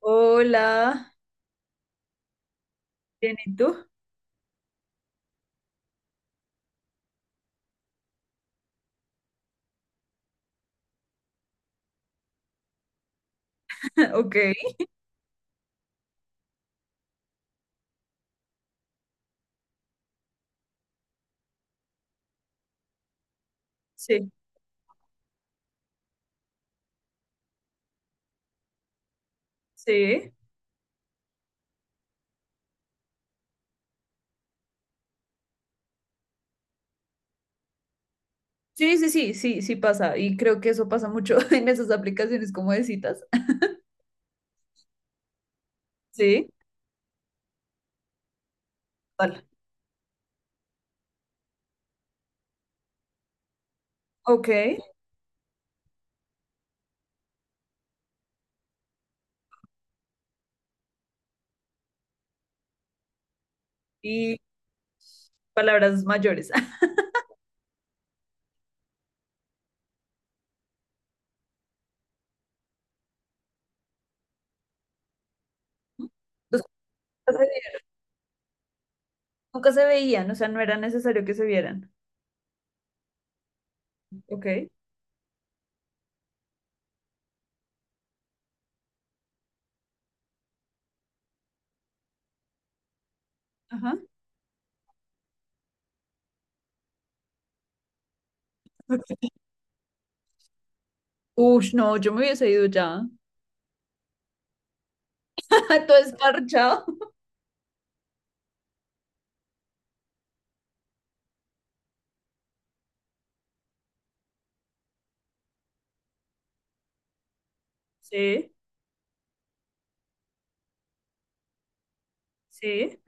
Hola, bien, ¿y tú? Ok, sí, sí. Sí, sí, sí, sí, sí pasa. Y creo que eso pasa mucho en esas aplicaciones como de citas. Sí, vale. Ok, y palabras mayores. Los que nunca se vieron, nunca se veían, o sea, no era necesario que se vieran. Ok, ajá. Ush, no, yo me hubiese ido ya. Todo esparchado. Sí, sí,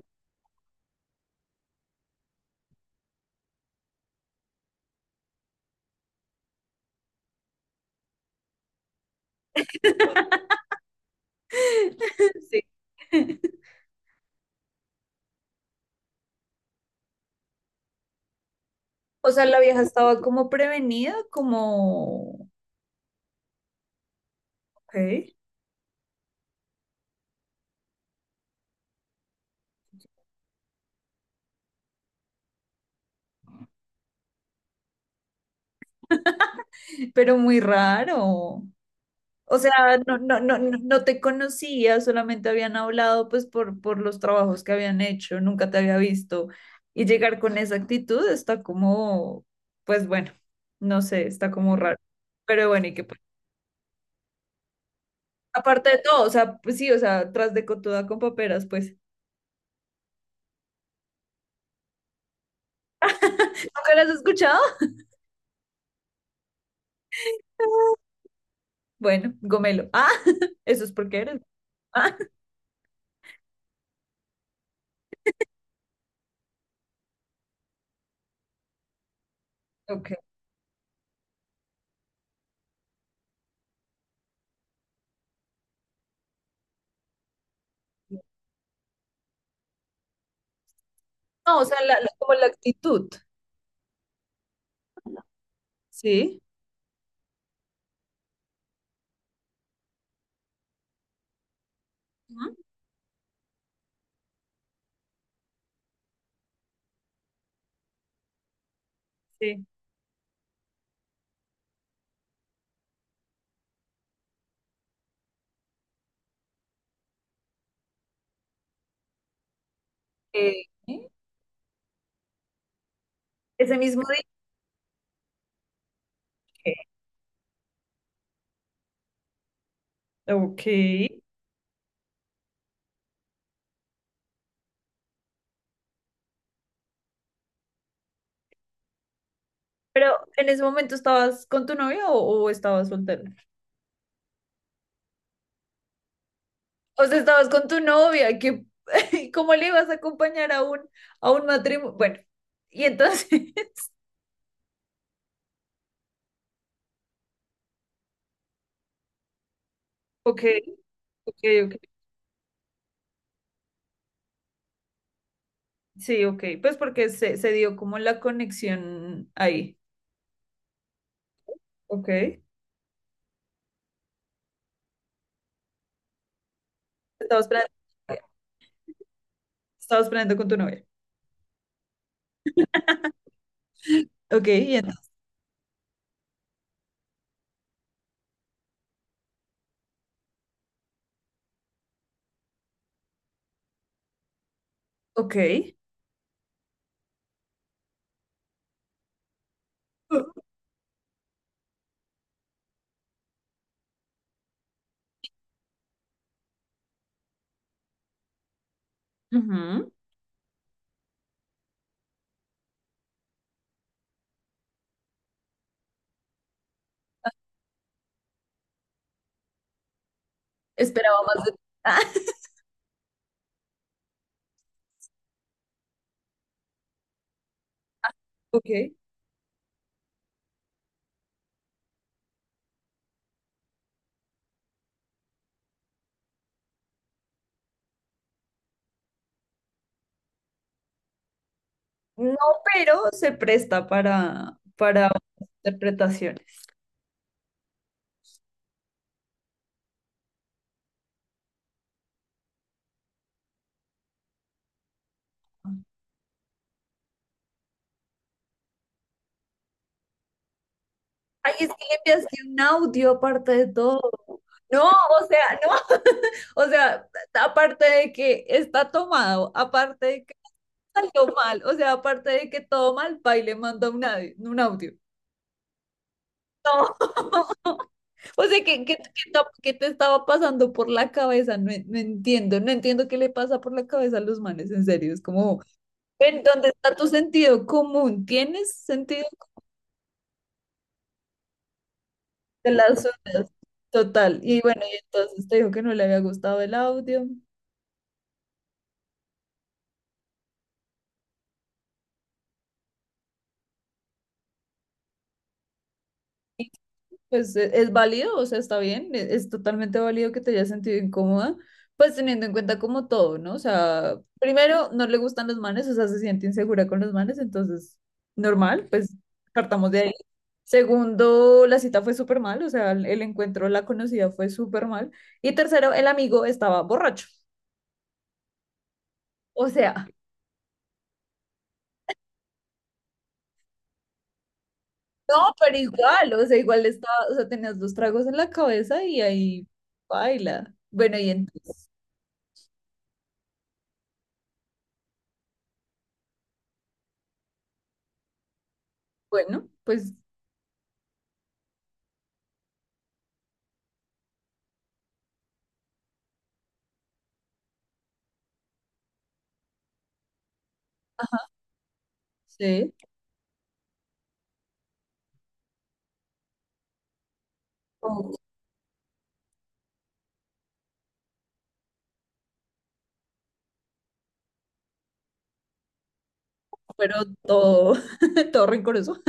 sí. O sea, la vieja estaba como prevenida, como, ok, pero muy raro. O sea, no, no, no, no te conocía, solamente habían hablado pues por los trabajos que habían hecho, nunca te había visto. Y llegar con esa actitud está como, pues bueno, no sé, está como raro. Pero bueno, y que pues, aparte de todo, o sea, pues sí, o sea, tras de cotuda con paperas, pues, ¿nunca las has escuchado? Bueno, gomelo. Ah, eso es porque eres. Ah, ok. No, o sea, la como la actitud, ¿sí? Ujú, sí. Eh, Ese mismo día. Ok. ¿Pero en ese momento estabas con tu novia o estabas soltera? O sea, estabas con tu novia, que ¿cómo le ibas a acompañar a un, matrimonio? Bueno, y entonces, ok, ok, ok. Sí, ok. Pues porque se dio como la conexión ahí. Ok. Estabas planeando, estabas planeando con tu novia. Ok, y entonces, ok. Ujú. Esperaba más de. Ah, ok. No, pero se presta para otras interpretaciones. Ay, es que le enviaste un audio aparte de todo. No, o sea, no, o sea, aparte de que está tomado, aparte de que salió mal, o sea, aparte de que todo mal, pa, y le manda un audio, un audio. No. O sea, ¿qué te estaba pasando por la cabeza? No, no entiendo qué le pasa por la cabeza a los manes, en serio. Es como, ¿en dónde está tu sentido común? ¿Tienes sentido común de las ondas? Total. Y bueno, y entonces te dijo que no le había gustado el audio. Pues es, válido, o sea, está bien, es, totalmente válido que te hayas sentido incómoda, pues teniendo en cuenta como todo, ¿no? O sea, primero no le gustan los manes, o sea, se siente insegura con los manes, entonces, normal, pues partamos de ahí. Segundo, la cita fue súper mal, o sea, el encuentro, la conocida fue súper mal. Y tercero, el amigo estaba borracho. O sea, no, pero igual, o sea, igual estaba, o sea, tenías dos tragos en la cabeza y ahí baila. Bueno, y entonces, bueno, pues sí. Oh, pero todo, todo rencoroso.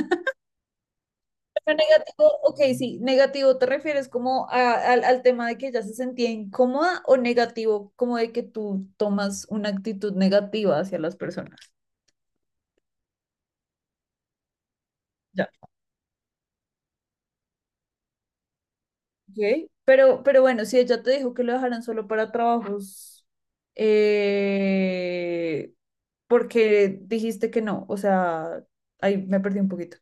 Pero negativo, ok, sí, negativo, ¿te refieres como al tema de que ella se sentía incómoda o negativo, como de que tú tomas una actitud negativa hacia las personas? Ya. Ok. Pero bueno, si ella te dijo que lo dejaran solo para trabajos, eh, porque dijiste que no, o sea, ahí me perdí un poquito.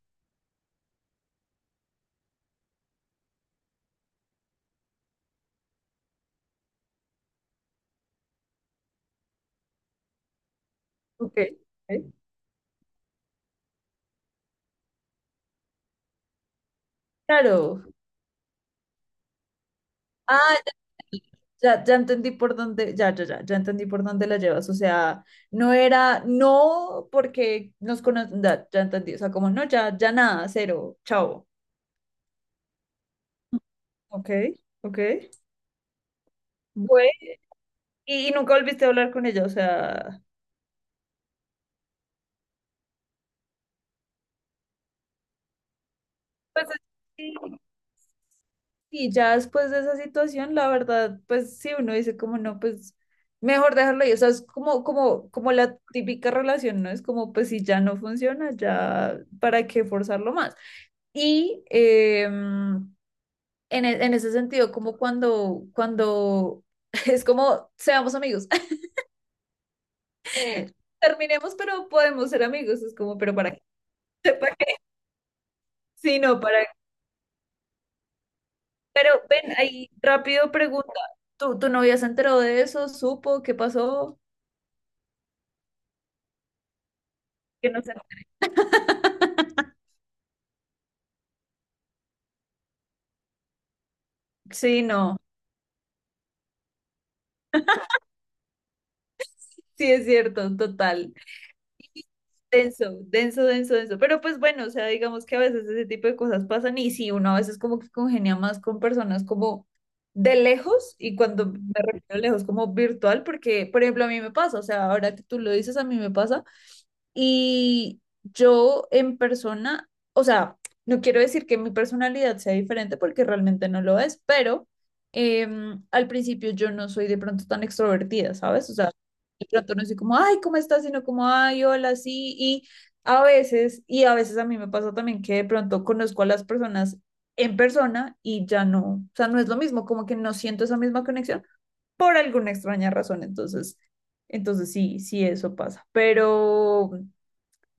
Ok, ok. Claro. Ah, ya, ya entendí por dónde, ya, ya, ya, ya entendí por dónde la llevas. O sea, no era, no porque nos conocen, ya, ya entendí. O sea, como no, ya, ya nada, cero, chao. Ok, ok. Bueno, y nunca volviste a hablar con ella, o sea, pues sí, sí, ya después de esa situación, la verdad, pues sí, uno dice como no, pues mejor dejarlo ahí. O sea, es como, como, como la típica relación, ¿no? Es como, pues si ya no funciona, ya, ¿para qué forzarlo más? Y, en ese sentido, como cuando es como, seamos amigos, terminemos, pero podemos ser amigos, es como, pero para que sepa que sí, no, para, pero ven ahí rápido pregunta, ¿tu novia se enteró de eso? ¿Supo qué pasó? Que no sé. Sí, no, sí es cierto, total. Denso, denso, denso, denso. Pero pues bueno, o sea, digamos que a veces ese tipo de cosas pasan y sí, uno a veces como que congenia más con personas como de lejos y cuando me refiero a lejos como virtual, porque por ejemplo a mí me pasa, o sea, ahora que tú lo dices, a mí me pasa y yo en persona, o sea, no quiero decir que mi personalidad sea diferente porque realmente no lo es, pero al principio yo no soy de pronto tan extrovertida, ¿sabes? O sea, de pronto no soy como, ay, ¿cómo estás? Sino como, ay, hola, sí. Y a veces a mí me pasa también que de pronto conozco a las personas en persona y ya no, o sea, no es lo mismo, como que no siento esa misma conexión por alguna extraña razón. Entonces sí, sí, eso pasa. Pero,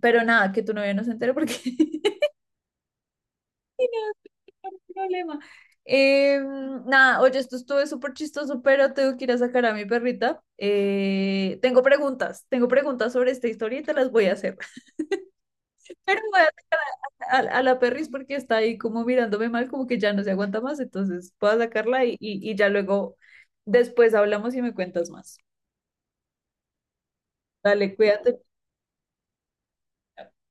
pero nada, que tu novia no se entere porque no hay problema. Eh, Nada, oye, esto estuvo súper chistoso, pero tengo que ir a sacar a mi perrita. Tengo preguntas, tengo preguntas sobre esta historia y te las voy a hacer. Pero voy a la perris porque está ahí como mirándome mal, como que ya no se aguanta más, entonces voy a sacarla y ya luego, después hablamos y me cuentas más. Dale, cuídate.